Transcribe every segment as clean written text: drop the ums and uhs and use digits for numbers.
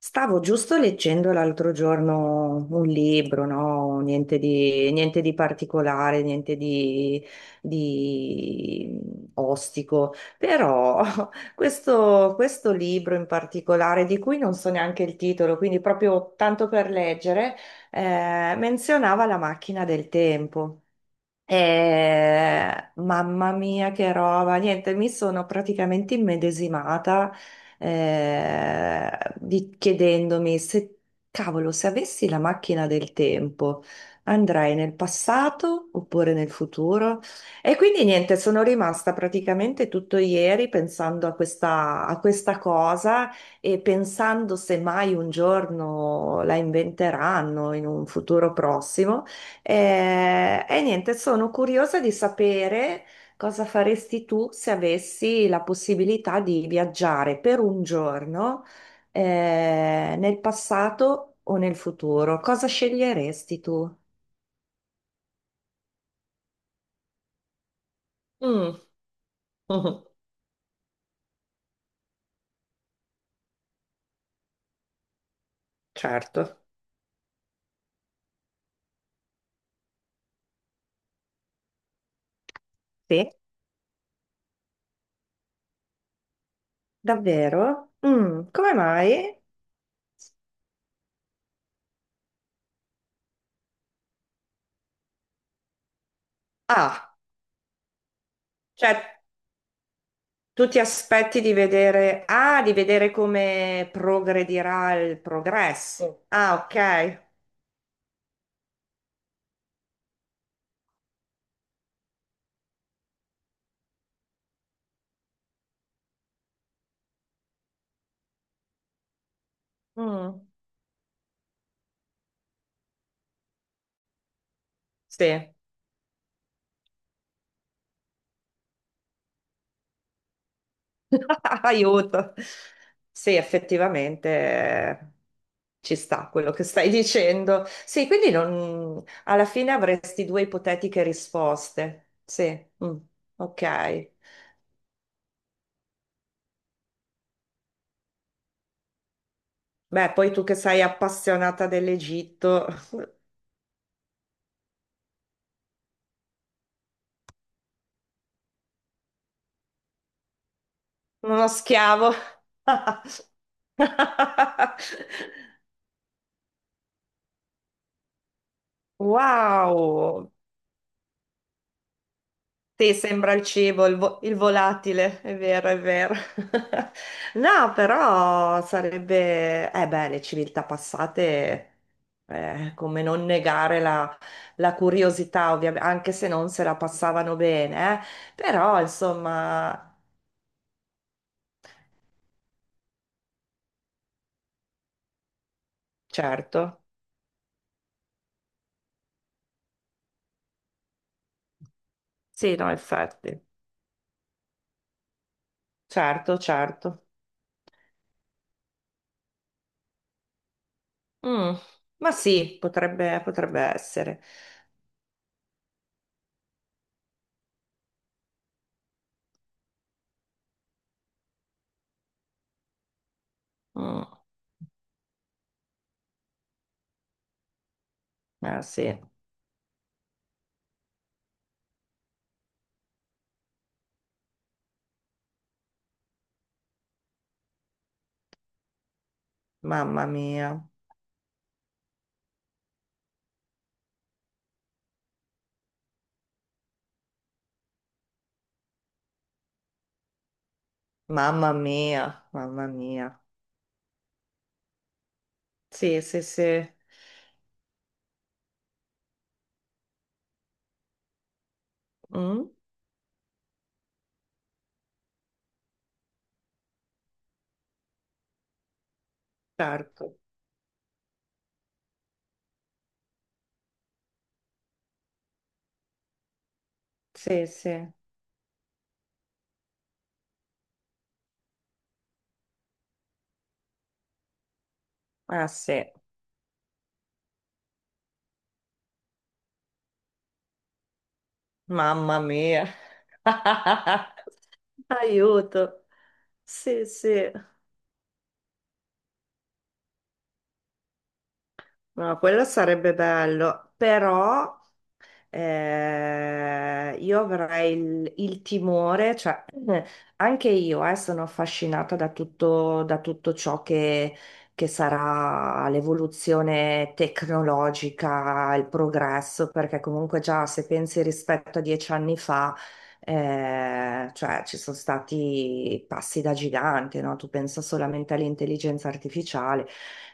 Stavo giusto leggendo l'altro giorno un libro, no? Niente di particolare, niente di ostico, però questo libro in particolare, di cui non so neanche il titolo, quindi proprio tanto per leggere, menzionava la macchina del tempo. Mamma mia, che roba! Niente, mi sono praticamente immedesimata chiedendomi se, cavolo, se avessi la macchina del tempo, andrei nel passato oppure nel futuro? E quindi niente, sono rimasta praticamente tutto ieri pensando a questa cosa e pensando se mai un giorno la inventeranno in un futuro prossimo. Niente, sono curiosa di sapere cosa faresti tu se avessi la possibilità di viaggiare per un giorno, nel passato o nel futuro. Cosa sceglieresti tu? Mm. Mhm. Certo. Sì, davvero? Mm, come mai? Ah, cioè tu ti aspetti di vedere come progredirà il progresso. Ah, ok. Mm. Sì, aiuto. Sì, effettivamente ci sta quello che stai dicendo. Sì, quindi alla fine avresti due ipotetiche risposte. Sì, mm, ok. Beh, poi tu che sei appassionata dell'Egitto, uno schiavo. Wow. Sì, sembra il cibo, il, il volatile, è vero, è vero. No, però sarebbe, eh beh, le civiltà passate, come non negare la curiosità, ovviamente, anche se non se la passavano bene, eh. Però, insomma, certo, sì, no, effetti, certo, certo. Mm, ma sì, potrebbe essere. Mm, eh sì, mamma mia, mamma mia, mamma mia. Sì, sì, sì. Mm, certo. Sì, sì. Ah, sì. Mamma mia. Aiuto. Sì, sì. No, quello sarebbe bello, però io avrei il timore, cioè anche io sono affascinata da tutto ciò che sarà l'evoluzione tecnologica, il progresso, perché comunque già se pensi rispetto a 10 anni fa, cioè ci sono stati passi da gigante, no? Tu pensa solamente all'intelligenza artificiale,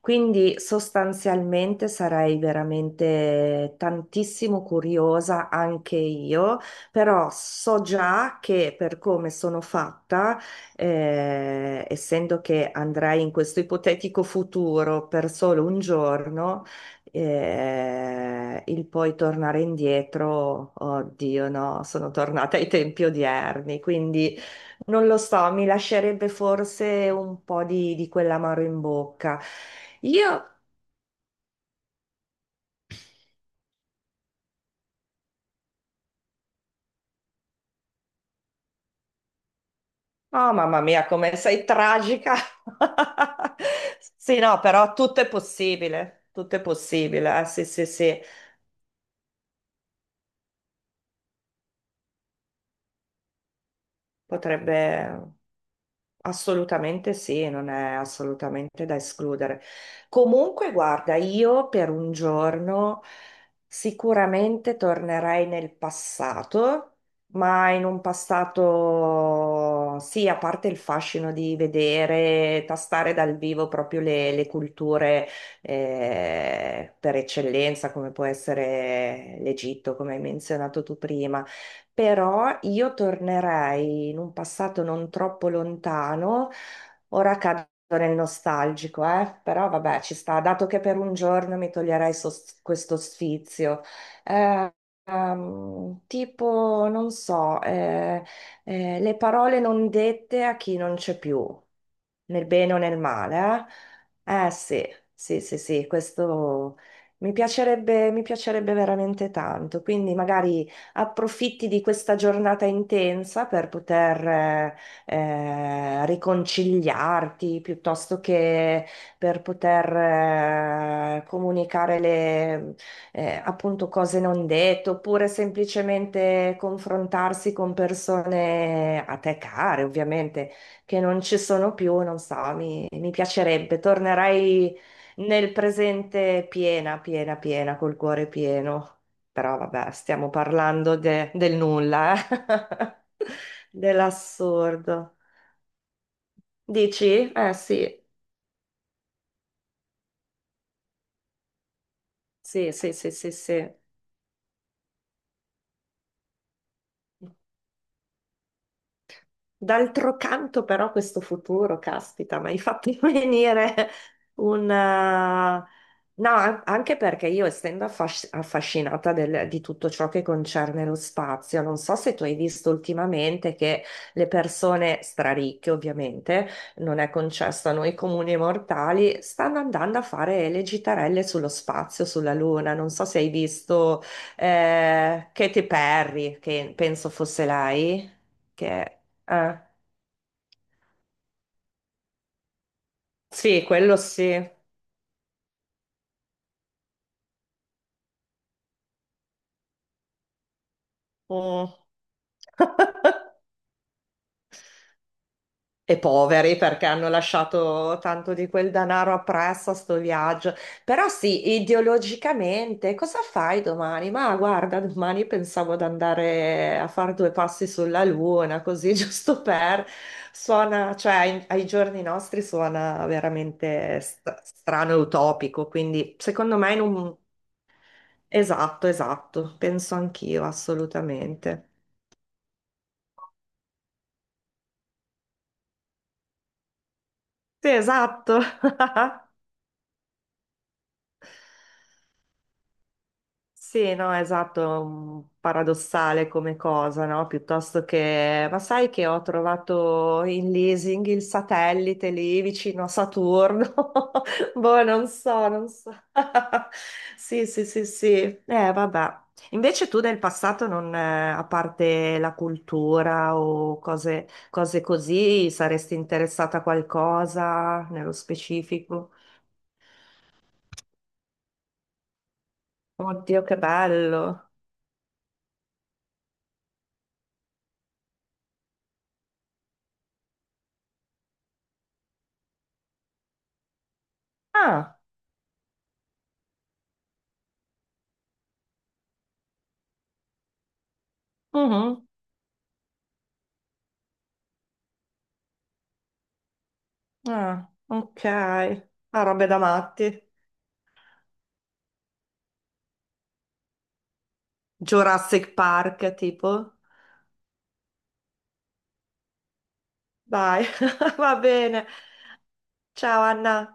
quindi sostanzialmente sarei veramente tantissimo curiosa anche io, però so già che per come sono fatta, essendo che andrei in questo ipotetico futuro per solo un giorno, il poi tornare indietro, oddio no, sono tornata ai tempi odierni, quindi non lo so, mi lascerebbe forse un po' di quell'amaro in bocca. Io, oh mamma mia, come sei tragica. Sì, no, però tutto è possibile, tutto è possibile. Sì, sì, sì, potrebbe. Assolutamente sì, non è assolutamente da escludere. Comunque, guarda, io per un giorno sicuramente tornerei nel passato, ma in un passato, sì, a parte il fascino di vedere, tastare dal vivo proprio le culture per eccellenza, come può essere l'Egitto, come hai menzionato tu prima. Però io tornerei in un passato non troppo lontano. Ora cado nel nostalgico, eh? Però vabbè, ci sta, dato che per un giorno mi toglierai questo sfizio. Eh, tipo, non so, le parole non dette a chi non c'è più, nel bene o nel male, eh? Eh sì, sì, sì, sì, questo mi piacerebbe veramente tanto, quindi magari approfitti di questa giornata intensa per poter, riconciliarti piuttosto che per poter comunicare le appunto cose non dette oppure semplicemente confrontarsi con persone a te care, ovviamente, che non ci sono più, non so, mi piacerebbe, tornerei nel presente piena, piena, piena, col cuore pieno. Però vabbè, stiamo parlando del nulla, eh? Dell'assurdo. Dici? Eh sì, sì, sì, sì, sì, sì. D'altro canto, però, questo futuro, caspita, mi hai fatto venire un... eh, no, anche perché io, essendo affascinata di tutto ciò che concerne lo spazio, non so se tu hai visto ultimamente che le persone straricche, ovviamente, non è concesso a noi comuni mortali, stanno andando a fare le gitarelle sullo spazio, sulla Luna. Non so se hai visto Katy Perry, che penso fosse lei, che... eh, sì, quello sì. Mm. E poveri perché hanno lasciato tanto di quel denaro appresso a sto viaggio. Però sì, ideologicamente, cosa fai domani? Ma guarda, domani pensavo di andare a fare due passi sulla luna, così giusto per. Suona, cioè ai giorni nostri suona veramente strano e utopico, quindi secondo me in un. Esatto, esatto, penso anch'io, assolutamente. Sì, esatto. Sì, no, esatto, è un paradossale come cosa, no? Piuttosto che, ma sai che ho trovato in leasing il satellite lì vicino a Saturno? Boh, non so, non so. Sì, sì, sì, sì. Vabbè. Invece tu nel passato non, a parte la cultura o cose così, saresti interessata a qualcosa nello specifico? Oddio, che bello. Ah, mhm. Ah, ok. Ah, robe da matti. Jurassic Park, tipo. Dai, va bene. Ciao Anna.